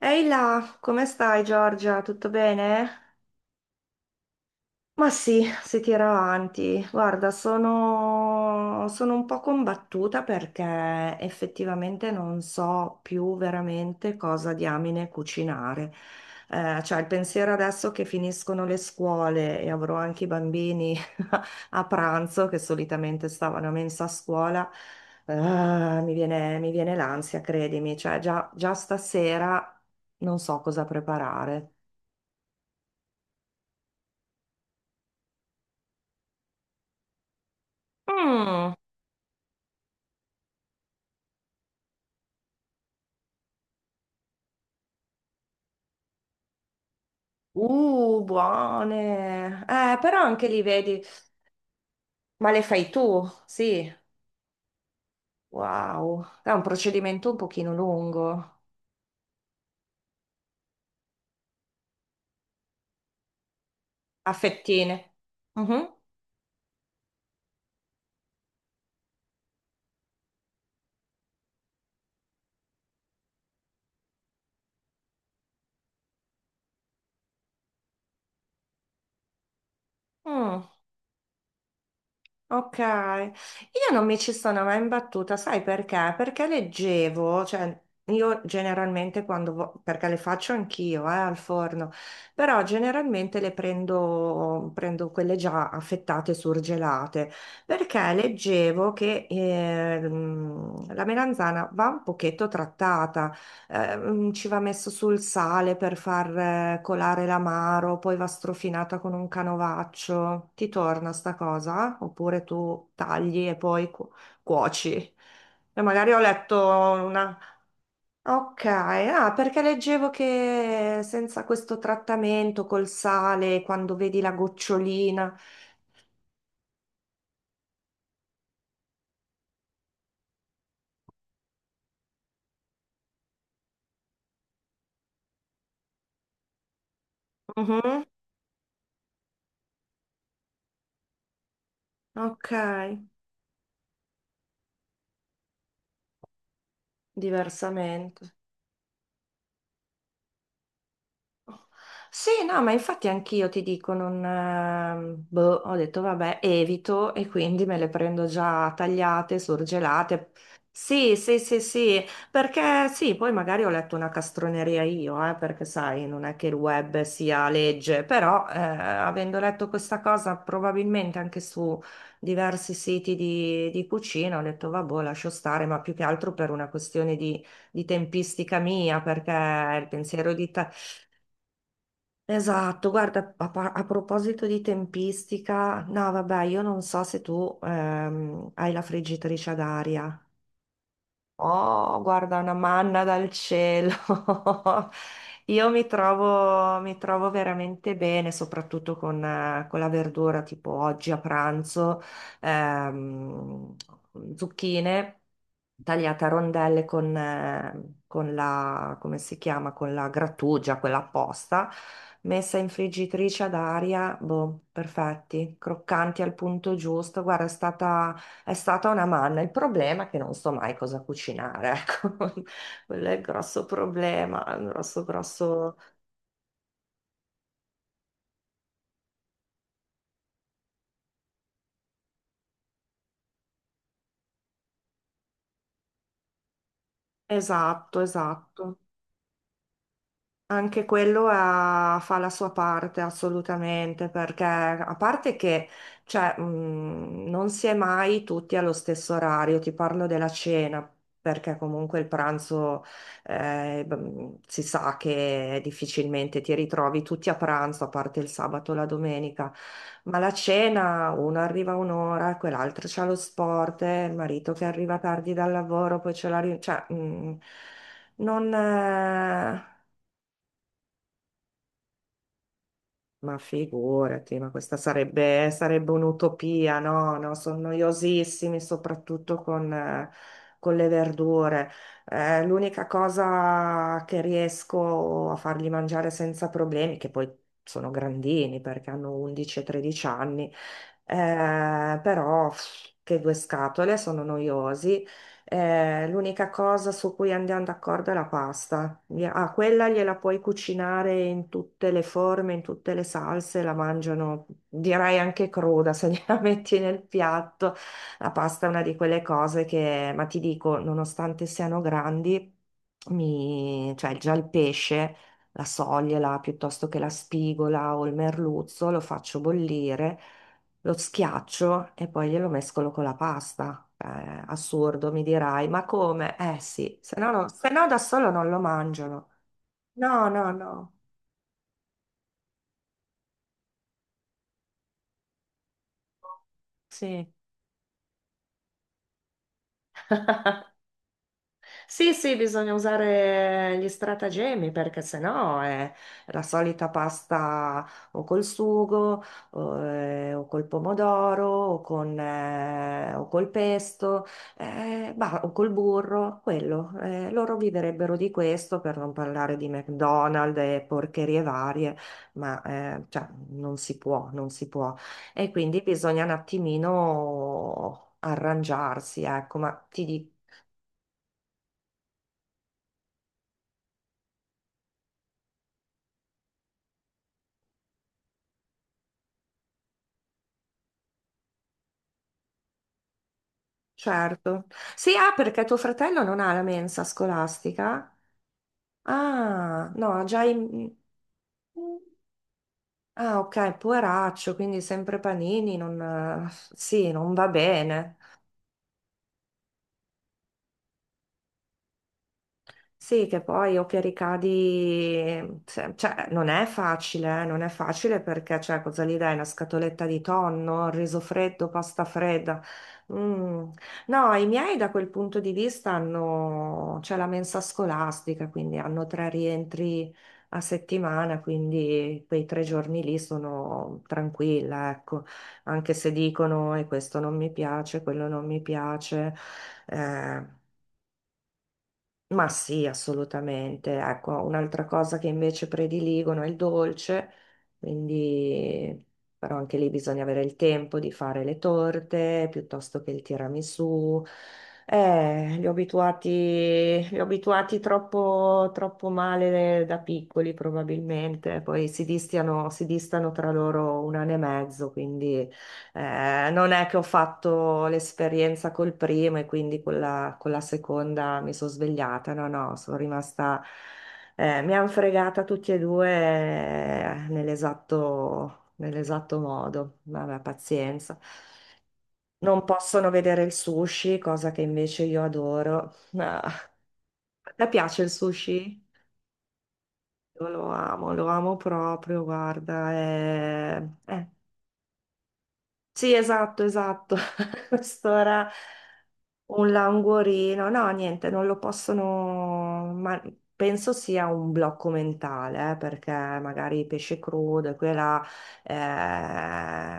Ehi là, come stai Giorgia? Tutto bene? Ma sì, si tira avanti. Guarda, sono un po' combattuta perché effettivamente non so più veramente cosa diamine cucinare. Cioè, il pensiero adesso che finiscono le scuole e avrò anche i bambini a pranzo, che solitamente stavano a mensa a scuola, mi viene l'ansia, credimi. Cioè, già stasera non so cosa preparare. Mm. Buone. Però anche lì vedi, ma le fai tu? Sì. Wow. È un procedimento un pochino lungo. A fettine. Mhm. Mm. Ok, io non mi ci sono mai imbattuta, sai perché? Perché leggevo, cioè io generalmente perché le faccio anch'io, al forno, però generalmente prendo quelle già affettate, surgelate, perché leggevo che la melanzana va un pochetto trattata. Ci va messo sul sale per far colare l'amaro, poi va strofinata con un canovaccio. Ti torna sta cosa? Oppure tu tagli e poi cuoci? E magari ho letto una... Ok, ah, perché leggevo che senza questo trattamento col sale, quando vedi la gocciolina... Mhm. Ok, diversamente. Sì, no, ma infatti anch'io ti dico, non, boh, ho detto vabbè, evito e quindi me le prendo già tagliate, surgelate. Sì, sì, sì, sì, perché sì, poi magari ho letto una castroneria io, perché sai, non è che il web sia legge, però avendo letto questa cosa probabilmente anche su diversi siti di cucina, ho detto vabbè, boh, lascio stare, ma più che altro per una questione di tempistica mia, perché il pensiero di... ta- Esatto, guarda, a proposito di tempistica, no, vabbè, io non so se tu hai la friggitrice ad aria. Oh, guarda, una manna dal cielo. Io mi trovo veramente bene, soprattutto con la verdura, tipo oggi a pranzo, ehm, zucchine tagliata a rondelle con la, come si chiama, con la grattugia, quella apposta, messa in friggitrice ad aria, boh, perfetti, croccanti al punto giusto. Guarda, è stata una manna. Il problema è che non so mai cosa cucinare, ecco. Quello è il grosso problema, il grosso... Esatto, esatto. Anche fa la sua parte assolutamente, perché a parte che cioè, non si è mai tutti allo stesso orario, ti parlo della cena, perché comunque il pranzo si sa che difficilmente ti ritrovi tutti a pranzo, a parte il sabato e la domenica, ma la cena uno arriva a un'ora, quell'altro c'ha lo sport, il marito che arriva tardi dal lavoro, poi c'è la riunione, cioè non... ma figurati, ma sarebbe un'utopia, no? No, sono noiosissimi, soprattutto con le verdure. L'unica cosa che riesco a fargli mangiare senza problemi, che poi sono grandini perché hanno 11 e 13 anni, però pff, che due scatole, sono noiosi l'unica cosa su cui andiamo d'accordo è la pasta. Ah, quella gliela puoi cucinare in tutte le forme, in tutte le salse, la mangiano, direi anche cruda se gliela metti nel piatto. La pasta è una di quelle cose che, ma ti dico, nonostante siano grandi, mi, cioè già il pesce, la soglia piuttosto che la spigola o il merluzzo, lo faccio bollire lo schiaccio e poi glielo mescolo con la pasta. Assurdo, mi dirai, ma come? Eh sì, se no da solo non lo mangiano. No, no, no. Sì. Sì, sì, bisogna usare gli stratagemmi perché sennò è la solita pasta o col sugo o col pomodoro o col pesto bah, o col burro, quello. Loro viverebbero di questo per non parlare di McDonald's e porcherie varie, ma cioè, non si può. E quindi bisogna un attimino arrangiarsi, ecco, ma ti dico certo. Sì, ah, perché tuo fratello non ha la mensa scolastica? Ah, no, ha già... i- Ah, ok, poveraccio, quindi sempre panini, non... Sì, non va bene. Sì, che poi o che ricadi, cioè non è facile, non è facile perché cioè, cosa gli dai? Una scatoletta di tonno, riso freddo, pasta fredda. Mm. No, i miei da quel punto di vista hanno, c'è la mensa scolastica, quindi hanno tre rientri a settimana, quindi quei tre giorni lì sono tranquilla, ecco, anche se dicono e questo non mi piace, quello non mi piace. Eh, ma sì, assolutamente. Ecco, un'altra cosa che invece prediligono è il dolce, quindi però anche lì bisogna avere il tempo di fare le torte piuttosto che il tiramisù. Eh, li ho abituati, li ho abituati troppo, troppo male da piccoli probabilmente, poi si distano tra loro un anno e mezzo, quindi non è che ho fatto l'esperienza col primo e quindi con la seconda mi sono svegliata, no, no, sono rimasta, mi hanno fregata tutti e due nell'esatto modo, vabbè, pazienza. Non possono vedere il sushi, cosa che invece io adoro. Ah, a te piace il sushi? Io lo amo proprio, guarda. Sì, esatto, esatto. A quest'ora. Un languorino, no, niente, non lo possono, ma penso sia un blocco mentale, perché magari pesce crudo e quella,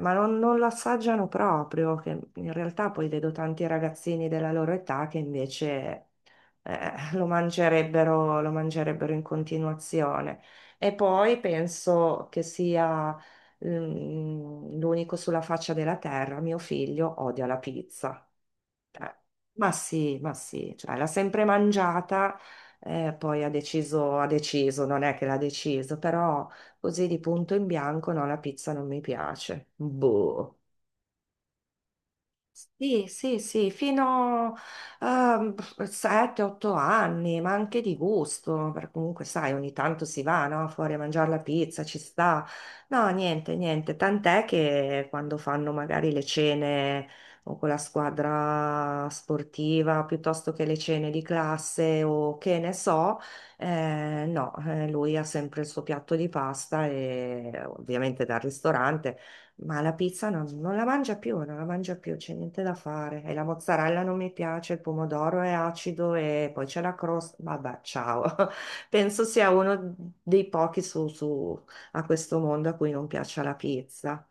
ma non, non lo assaggiano proprio, che in realtà poi vedo tanti ragazzini della loro età che invece lo mangerebbero in continuazione. E poi penso che sia l'unico sulla faccia della terra, mio figlio odia la pizza. Eh, Ma sì, ma sì, cioè, l'ha sempre mangiata, poi ha deciso, non è che l'ha deciso, però così di punto in bianco no, la pizza non mi piace. Boh. Sì, sì, sì, fino a 7-8 anni, ma anche di gusto, perché comunque sai, ogni tanto si va, no? Fuori a mangiare la pizza, ci sta. No, niente, niente, tant'è che quando fanno magari le cene o con la squadra sportiva, piuttosto che le cene di classe o che ne so, no, lui ha sempre il suo piatto di pasta e ovviamente dal ristorante. Ma la pizza non, non la mangia più, non la mangia più, c'è niente da fare. E la mozzarella non mi piace, il pomodoro è acido e poi c'è la crosta. Vabbè, ciao. Penso sia uno dei pochi a questo mondo a cui non piaccia la pizza.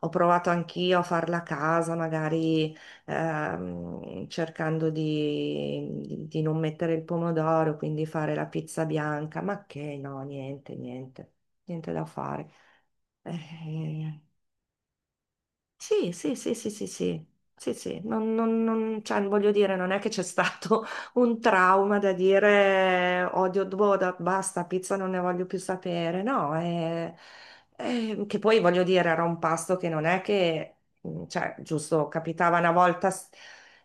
Ho provato anch'io a farla a casa, magari cercando di non mettere il pomodoro, quindi fare la pizza bianca, ma che no, niente, niente, niente da fare. Eh, sì, sì, sì, sì, sì, sì, sì, sì. Cioè, voglio dire, non è che c'è stato un trauma da dire odio Doda, basta, pizza non ne voglio più sapere, no, che poi voglio dire, era un pasto che non è che, mm, cioè, giusto, capitava una volta, s-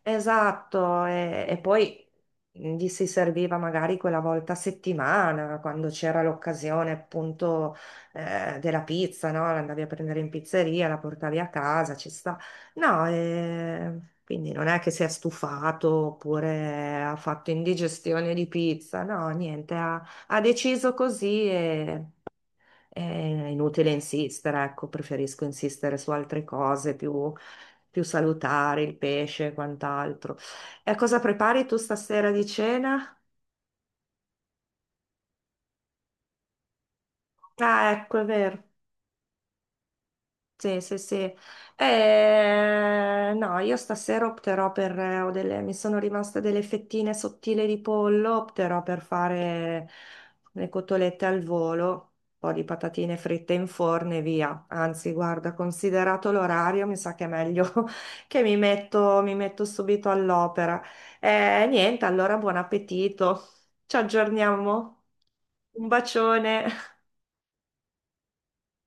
esatto, e poi mhmm, gli si serviva magari quella volta a settimana, quando c'era l'occasione, appunto della pizza, no? L'andavi a prendere in pizzeria, la portavi a casa, ci sta. No, quindi non è che si è stufato oppure ha fatto indigestione di pizza, no, niente, ha, ha deciso così e... È inutile insistere, ecco, preferisco insistere su altre cose più, più salutari, il pesce e quant'altro. E cosa prepari tu stasera di cena? Ah, ecco, è vero. Sì, sì, sì. No, io stasera opterò per, ho delle, mi sono rimaste delle fettine sottili di pollo, opterò per fare le cotolette al volo, un po' di patatine fritte in forno e via. Anzi, guarda, considerato l'orario, mi sa che è meglio che mi metto subito all'opera. Niente, allora buon appetito. Ci aggiorniamo. Un bacione.